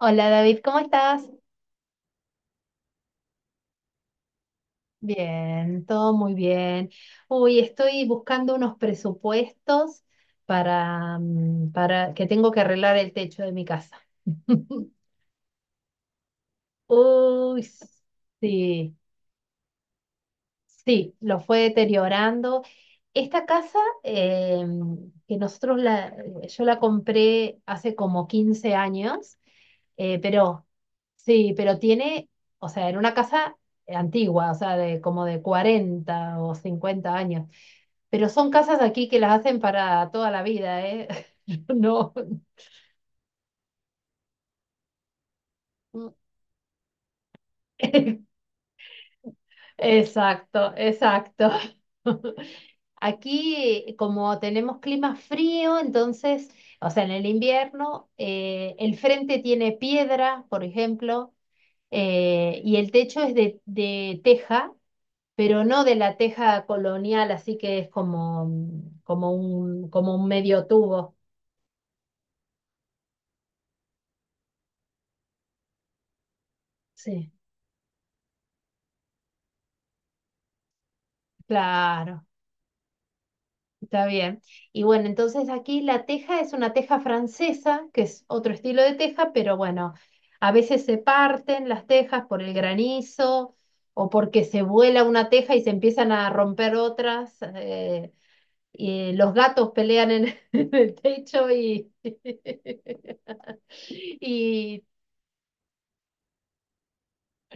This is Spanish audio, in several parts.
Hola David, ¿cómo estás? Bien, todo muy bien. Uy, estoy buscando unos presupuestos para que tengo que arreglar el techo de mi casa. Uy, sí. Sí, lo fue deteriorando. Esta casa eh, que nosotros la, yo la compré hace como 15 años, pero sí, pero tiene, o sea, era una casa antigua, o sea, de como de 40 o 50 años. Pero son casas aquí que las hacen para toda la vida, ¿eh? No, exacto, exacto. Aquí, como tenemos clima frío, entonces, o sea, en el invierno, el frente tiene piedra, por ejemplo, y el techo es de teja, pero no de la teja colonial, así que es como, como un medio tubo. Sí, claro. Está bien. Y bueno, entonces aquí la teja es una teja francesa, que es otro estilo de teja, pero bueno, a veces se parten las tejas por el granizo o porque se vuela una teja y se empiezan a romper otras. Y los gatos pelean en, en el techo y, y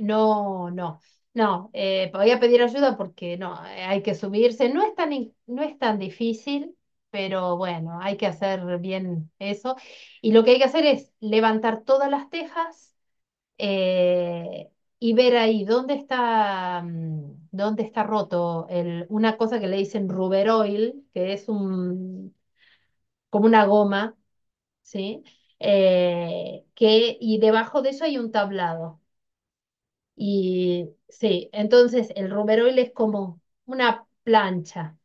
no, no, no, podía pedir ayuda porque no, hay que subirse, no es tan, no es tan difícil, pero bueno, hay que hacer bien eso. Y lo que hay que hacer es levantar todas las tejas eh, y ver ahí dónde está, dónde está roto el, una cosa que le dicen rubber oil, que es un, como una goma, ¿sí? Y debajo de eso hay un tablado. Y sí, entonces el Ruberoil es como una plancha.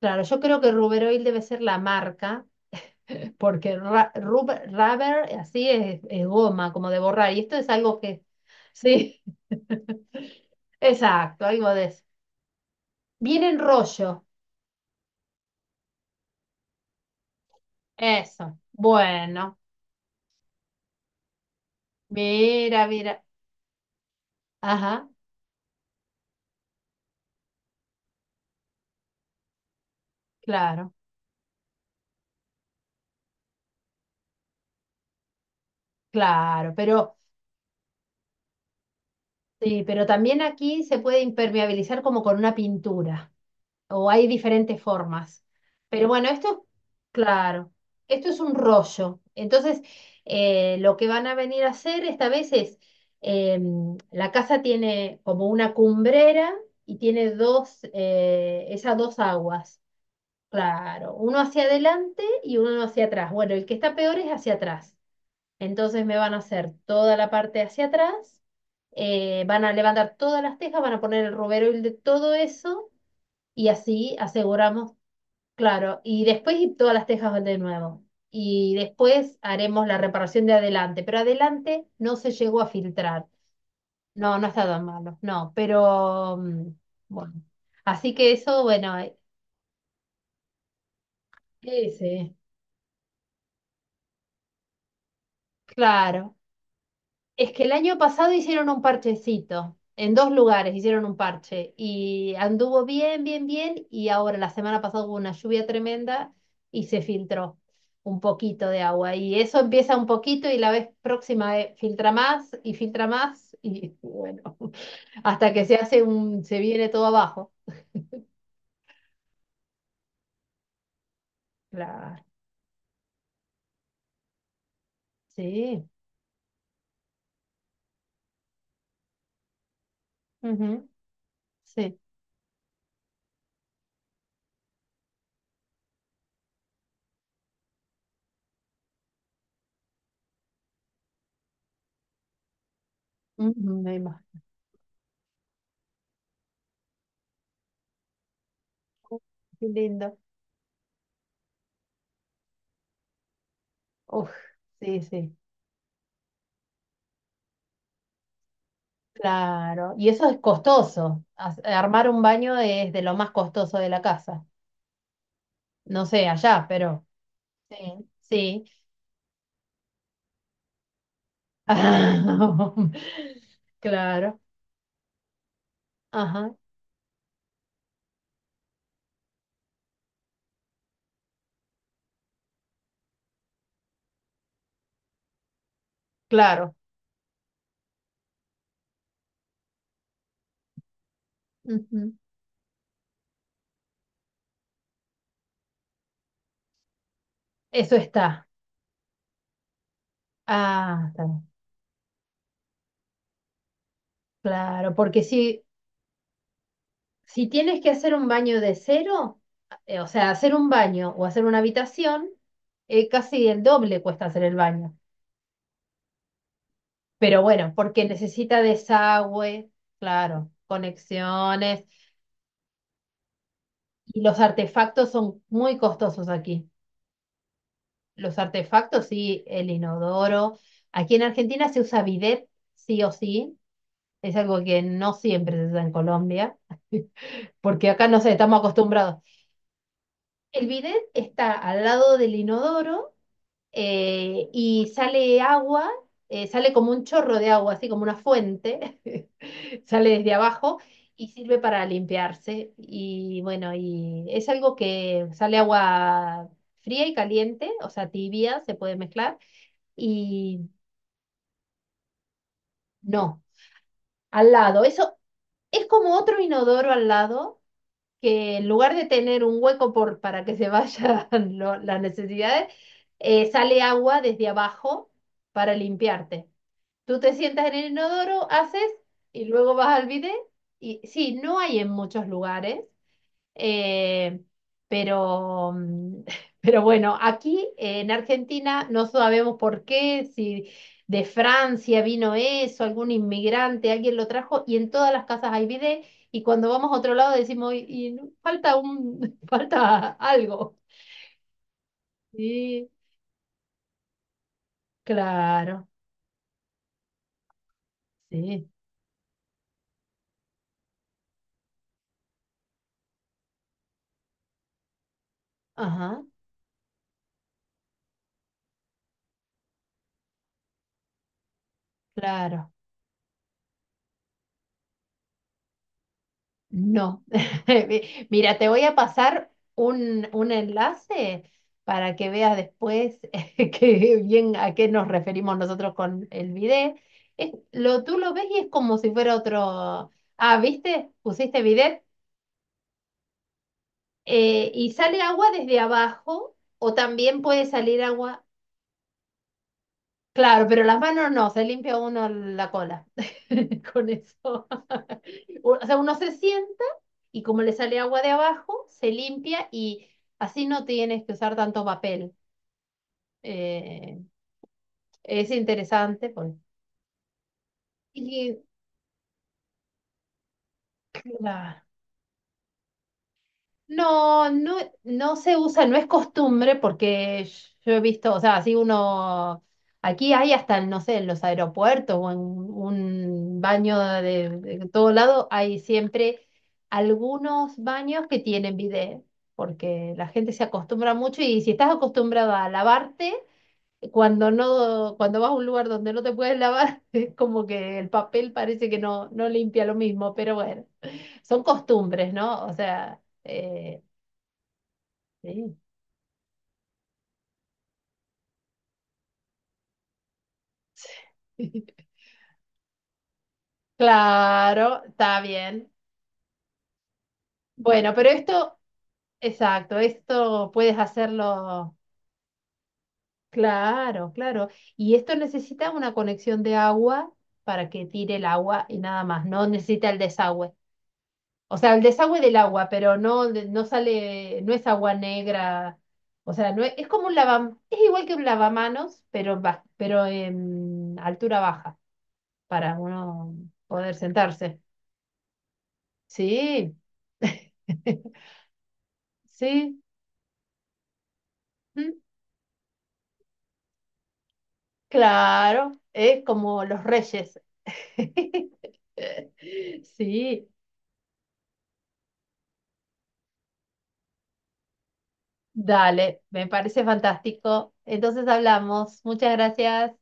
Claro, yo creo que Ruberoil debe ser la marca, porque rubber así es goma, como de borrar. Y esto es algo que, sí, exacto, algo de eso. Viene en rollo, eso. Bueno, mira. Ajá, claro, claro. Pero sí, pero también aquí se puede impermeabilizar como con una pintura, o hay diferentes formas. Pero bueno, esto, claro, esto es un rollo. Entonces, lo que van a venir a hacer esta vez es, eh, la casa tiene como una cumbrera y tiene dos, esas dos aguas. Claro, uno hacia adelante y uno hacia atrás. Bueno, el que está peor es hacia atrás. Entonces me van a hacer toda la parte hacia atrás, van a levantar todas las tejas, van a poner el robero y de todo eso y así aseguramos. Claro, y después y todas las tejas de nuevo. Y después haremos la reparación de adelante, pero adelante no se llegó a filtrar. No, no está tan malo, no, pero mm, bueno. Así que eso, bueno, ese, claro. Es que el año pasado hicieron un parchecito, en dos lugares hicieron un parche y anduvo bien, bien, bien y ahora la semana pasada hubo una lluvia tremenda y se filtró un poquito de agua y eso empieza un poquito y la vez próxima filtra más y bueno, hasta que se hace un, se viene todo abajo. Claro, sí, ujú, sí, ujú, me imagino. Qué lindo. Uf, sí, sí. Claro, y eso es costoso. Armar un baño es de lo más costoso de la casa. No sé, allá, pero sí, sí. Claro, ajá, claro. Ujú. Eso está. Ah, está bien. Claro, porque si, si tienes que hacer un baño de cero, o sea, hacer un baño o hacer una habitación, casi el doble cuesta hacer el baño. Pero bueno, porque necesita desagüe, claro, conexiones. Y los artefactos son muy costosos aquí. Los artefactos, sí, el inodoro. Aquí en Argentina se usa bidet, sí o sí. Es algo que no siempre se usa en Colombia, porque acá no sé, estamos acostumbrados. El bidet está al lado del inodoro y sale agua, sale como un chorro de agua, así como una fuente, sale desde abajo y sirve para limpiarse. Y bueno, y es algo que sale agua fría y caliente, o sea, tibia, se puede mezclar, y no, al lado. Eso es como otro inodoro al lado, que en lugar de tener un hueco por, para que se vayan las necesidades, sale agua desde abajo para limpiarte. Tú te sientas en el inodoro, haces y luego vas al bidet. Y sí, no hay en muchos lugares, eh, pero, mm, pero bueno, aquí en Argentina no sabemos por qué, si de Francia vino eso, algún inmigrante, alguien lo trajo y en todas las casas hay bidet. Y cuando vamos a otro lado decimos, y falta un, falta algo. Sí, claro, sí, ajá, claro. No. Mira, te voy a pasar un enlace para que veas después que bien a qué nos referimos nosotros con el bidet. Tú lo ves y es como si fuera otro. Ah, ¿viste? Pusiste bidet. Y sale agua desde abajo o también puede salir agua. Claro, pero las manos no, se limpia uno la cola con eso. O sea, uno se sienta y como le sale agua de abajo, se limpia y así no tienes que usar tanto papel. Eh, es interesante, pues. Y, no, no, no se usa, no es costumbre porque yo he visto, o sea, si uno, aquí hay hasta, no sé, en los aeropuertos o en un baño de todo lado, hay siempre algunos baños que tienen bidet, porque la gente se acostumbra mucho y si estás acostumbrado a lavarte, cuando no, cuando vas a un lugar donde no te puedes lavar, es como que el papel parece que no, no limpia lo mismo, pero bueno, son costumbres, ¿no? O sea... sí. Sí. Claro, está bien. Bueno, pero esto, exacto, esto puedes hacerlo. Claro, claro. Y esto necesita una conexión de agua para que tire el agua y nada más. No necesita el desagüe. O sea, el desagüe del agua, pero no, no sale, no es agua negra. O sea, no es, es como un lava, es igual que un lavamanos, pero, pero en altura baja, para uno poder sentarse. Sí. Sí, mm, claro, es como los reyes. Sí, dale, me parece fantástico. Entonces hablamos. Muchas gracias.